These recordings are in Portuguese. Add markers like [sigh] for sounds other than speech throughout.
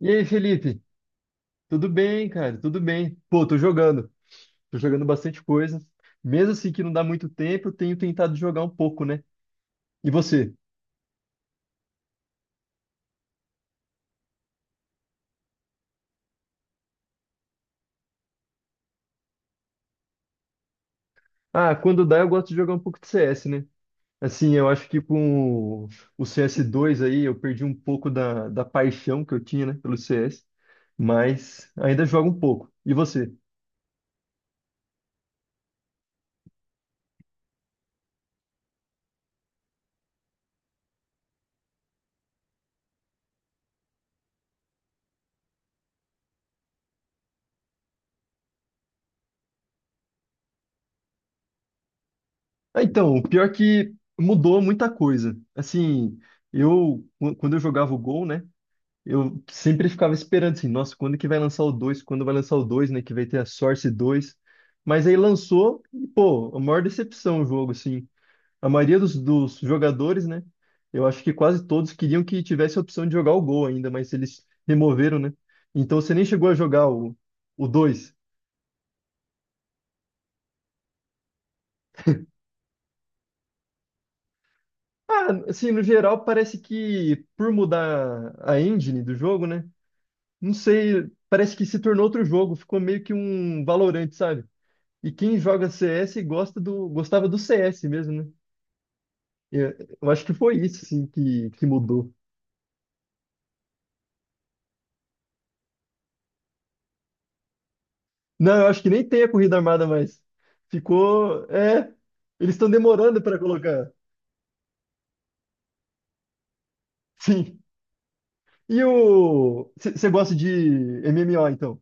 E aí, Felipe? Tudo bem, cara? Tudo bem. Pô, tô jogando. Tô jogando bastante coisa. Mesmo assim que não dá muito tempo, eu tenho tentado jogar um pouco, né? E você? Ah, quando dá, eu gosto de jogar um pouco de CS, né? Assim, eu acho que com o cs dois aí, eu perdi um pouco da paixão que eu tinha, né, pelo CS. Mas ainda jogo um pouco. E você? Ah, então, o pior é que mudou muita coisa. Assim, quando eu jogava o Gol, né? Eu sempre ficava esperando assim, nossa, quando que vai lançar o dois. Quando vai lançar o dois, né? Que vai ter a Source dois. Mas aí lançou e, pô, a maior decepção o jogo, assim. A maioria dos jogadores, né? Eu acho que quase todos queriam que tivesse a opção de jogar o Gol ainda, mas eles removeram, né? Então você nem chegou a jogar o dois. Ah, assim, no geral, parece que por mudar a engine do jogo, né? Não sei, parece que se tornou outro jogo, ficou meio que um Valorant, sabe? E quem joga CS gostava do CS mesmo, né? Eu, eu acho que foi isso, assim, que mudou. Não, eu acho que nem tem a corrida armada mais. Ficou. É. Eles estão demorando para colocar. [laughs] Sim. E o. Você gosta de MMO, então?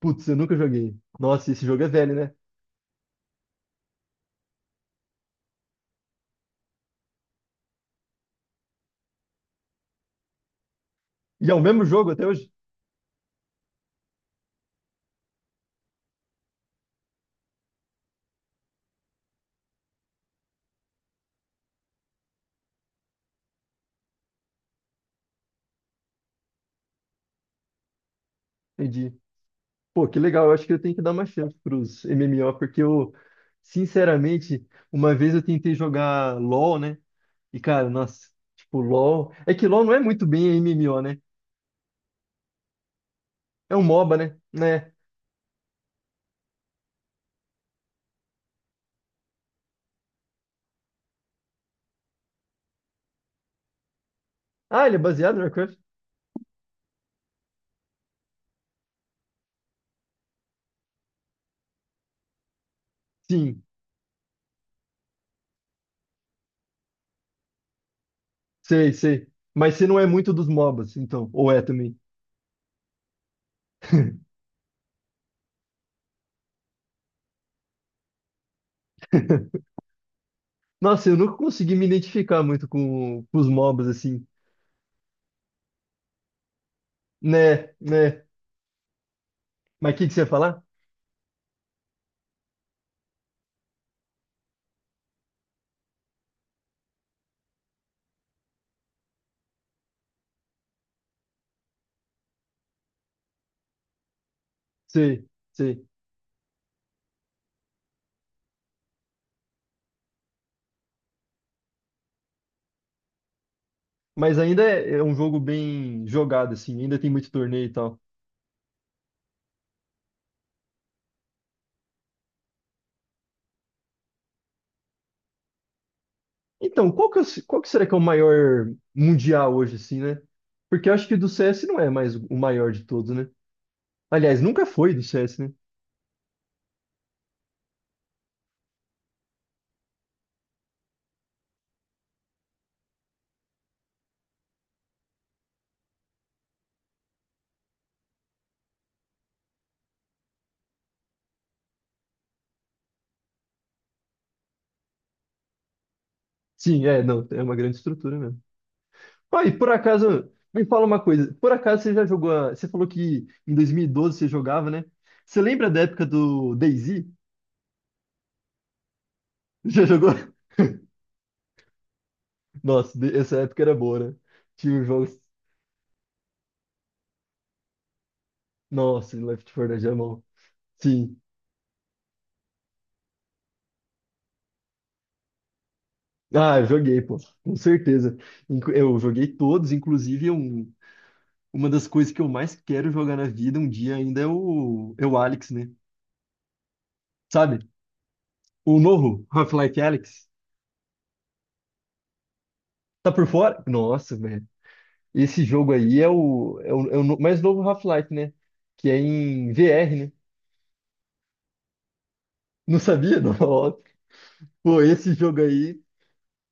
Putz, eu nunca joguei. Nossa, esse jogo é velho, né? E é o mesmo jogo até hoje? Entendi. Pô, que legal. Eu acho que eu tenho que dar uma chance pros MMO, porque eu, sinceramente, uma vez eu tentei jogar LoL, né? E, cara, nossa, tipo, LoL. É que LoL não é muito bem MMO, né? É um MOBA, né? Né? Ah, ele é baseado no Warcraft? Sim, sei, sei. Mas você não é muito dos MOBAs, então. Ou é também. [laughs] Nossa, eu nunca consegui me identificar muito com os MOBAs, assim. Né, né. Mas o que que você ia falar? Sei, sei. Mas ainda é um jogo bem jogado, assim, ainda tem muito torneio e tal. Então, qual que será que é o maior mundial hoje, assim, né? Porque eu acho que do CS não é mais o maior de todos, né? Aliás, nunca foi do CS, né? Sim, é, não, é uma grande estrutura mesmo. Ah, e por acaso, me fala uma coisa, por acaso você já jogou, você falou que em 2012 você jogava, né? Você lembra da época do DayZ? Já jogou? [laughs] Nossa, essa época era boa, né? Tinha os jogos, nossa, Left 4 Dead é bom. Sim. Ah, eu joguei, pô, com certeza. Eu joguei todos, inclusive uma das coisas que eu mais quero jogar na vida um dia ainda é o Alex, né? Sabe? O novo Half-Life Alyx. Tá por fora? Nossa, velho. Esse jogo aí é o mais novo Half-Life, né? Que é em VR, né? Não sabia? [laughs] Nossa. Pô, esse jogo aí.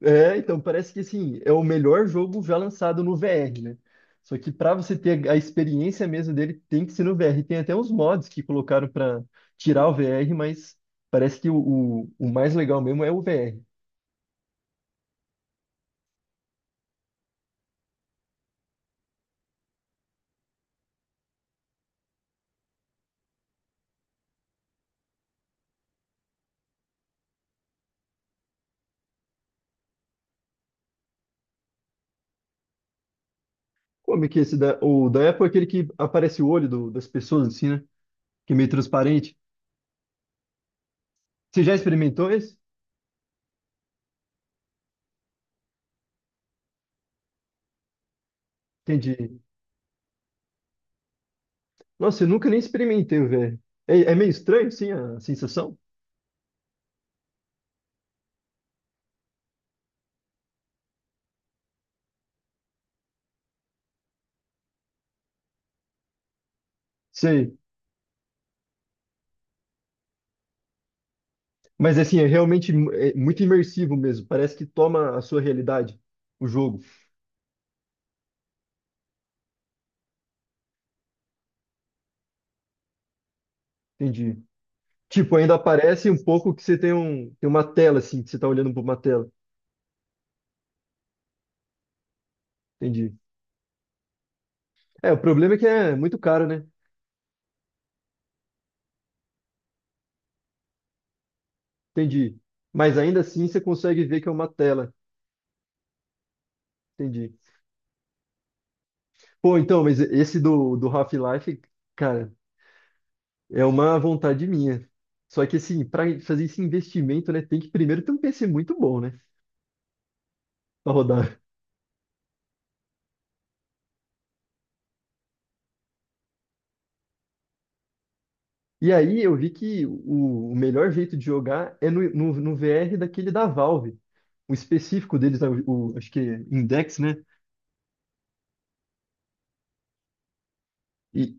É, então parece que assim, é o melhor jogo já lançado no VR, né? Só que para você ter a experiência mesmo dele, tem que ser no VR. Tem até uns mods que colocaram para tirar o VR, mas parece que o mais legal mesmo é o VR. Como é que é o da Apple é aquele que aparece o olho das pessoas, assim, né? Que é meio transparente. Você já experimentou esse? Entendi. Nossa, eu nunca nem experimentei o VR. É meio estranho, sim, a sensação? Sei. Mas assim, é muito imersivo mesmo. Parece que toma a sua realidade, o jogo. Entendi. Tipo, ainda aparece um pouco que você tem uma tela, assim, que você tá olhando para uma tela. Entendi. É, o problema é que é muito caro, né? Entendi. Mas ainda assim você consegue ver que é uma tela. Entendi. Pô, então, mas esse do Half-Life, cara, é uma vontade minha. Só que assim, para fazer esse investimento, né, tem que primeiro ter um PC muito bom, né? Pra rodar. E aí eu vi que o melhor jeito de jogar é no VR daquele da Valve. O específico deles, acho que é Index, né? E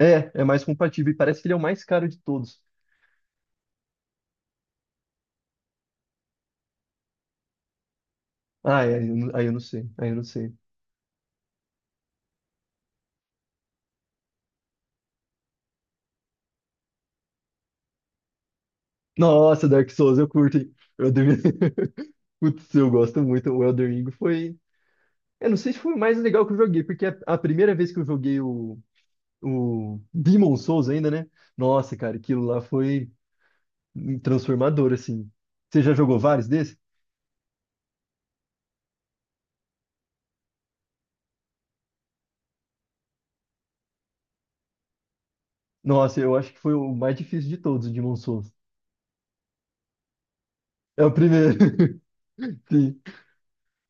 é mais compatível. E parece que ele é o mais caro de todos. Ah, é, não aí eu não sei, aí eu não sei. Nossa, Dark Souls, eu curto, hein? Eu devia- [laughs] Putz, eu gosto muito. O Elden Ring foi. Eu não sei se foi o mais legal que eu joguei, porque a primeira vez que eu joguei o Demon Souls ainda, né? Nossa, cara, aquilo lá foi transformador, assim. Você já jogou vários desses? Nossa, eu acho que foi o mais difícil de todos, o Demon Souls. É o primeiro. [laughs] Sim.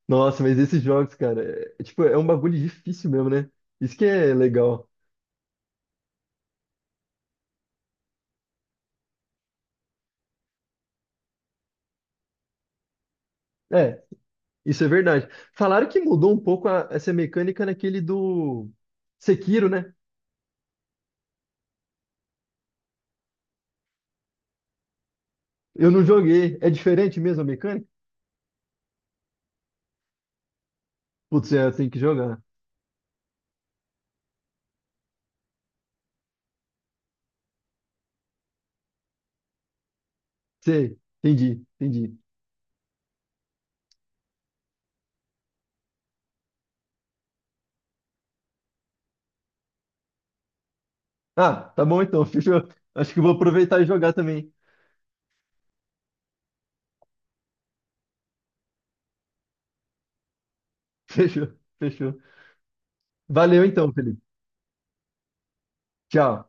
Nossa, mas esses jogos, cara, é tipo, é um bagulho difícil mesmo, né? Isso que é legal. É, isso é verdade. Falaram que mudou um pouco essa mecânica naquele do Sekiro, né? Eu não joguei. É diferente mesmo a mecânica? Putz, é, eu tenho que jogar. Sei, entendi, entendi. Ah, tá bom então, [laughs] fechou. Acho que vou aproveitar e jogar também. Fechou, fechou. Valeu então, Felipe. Tchau.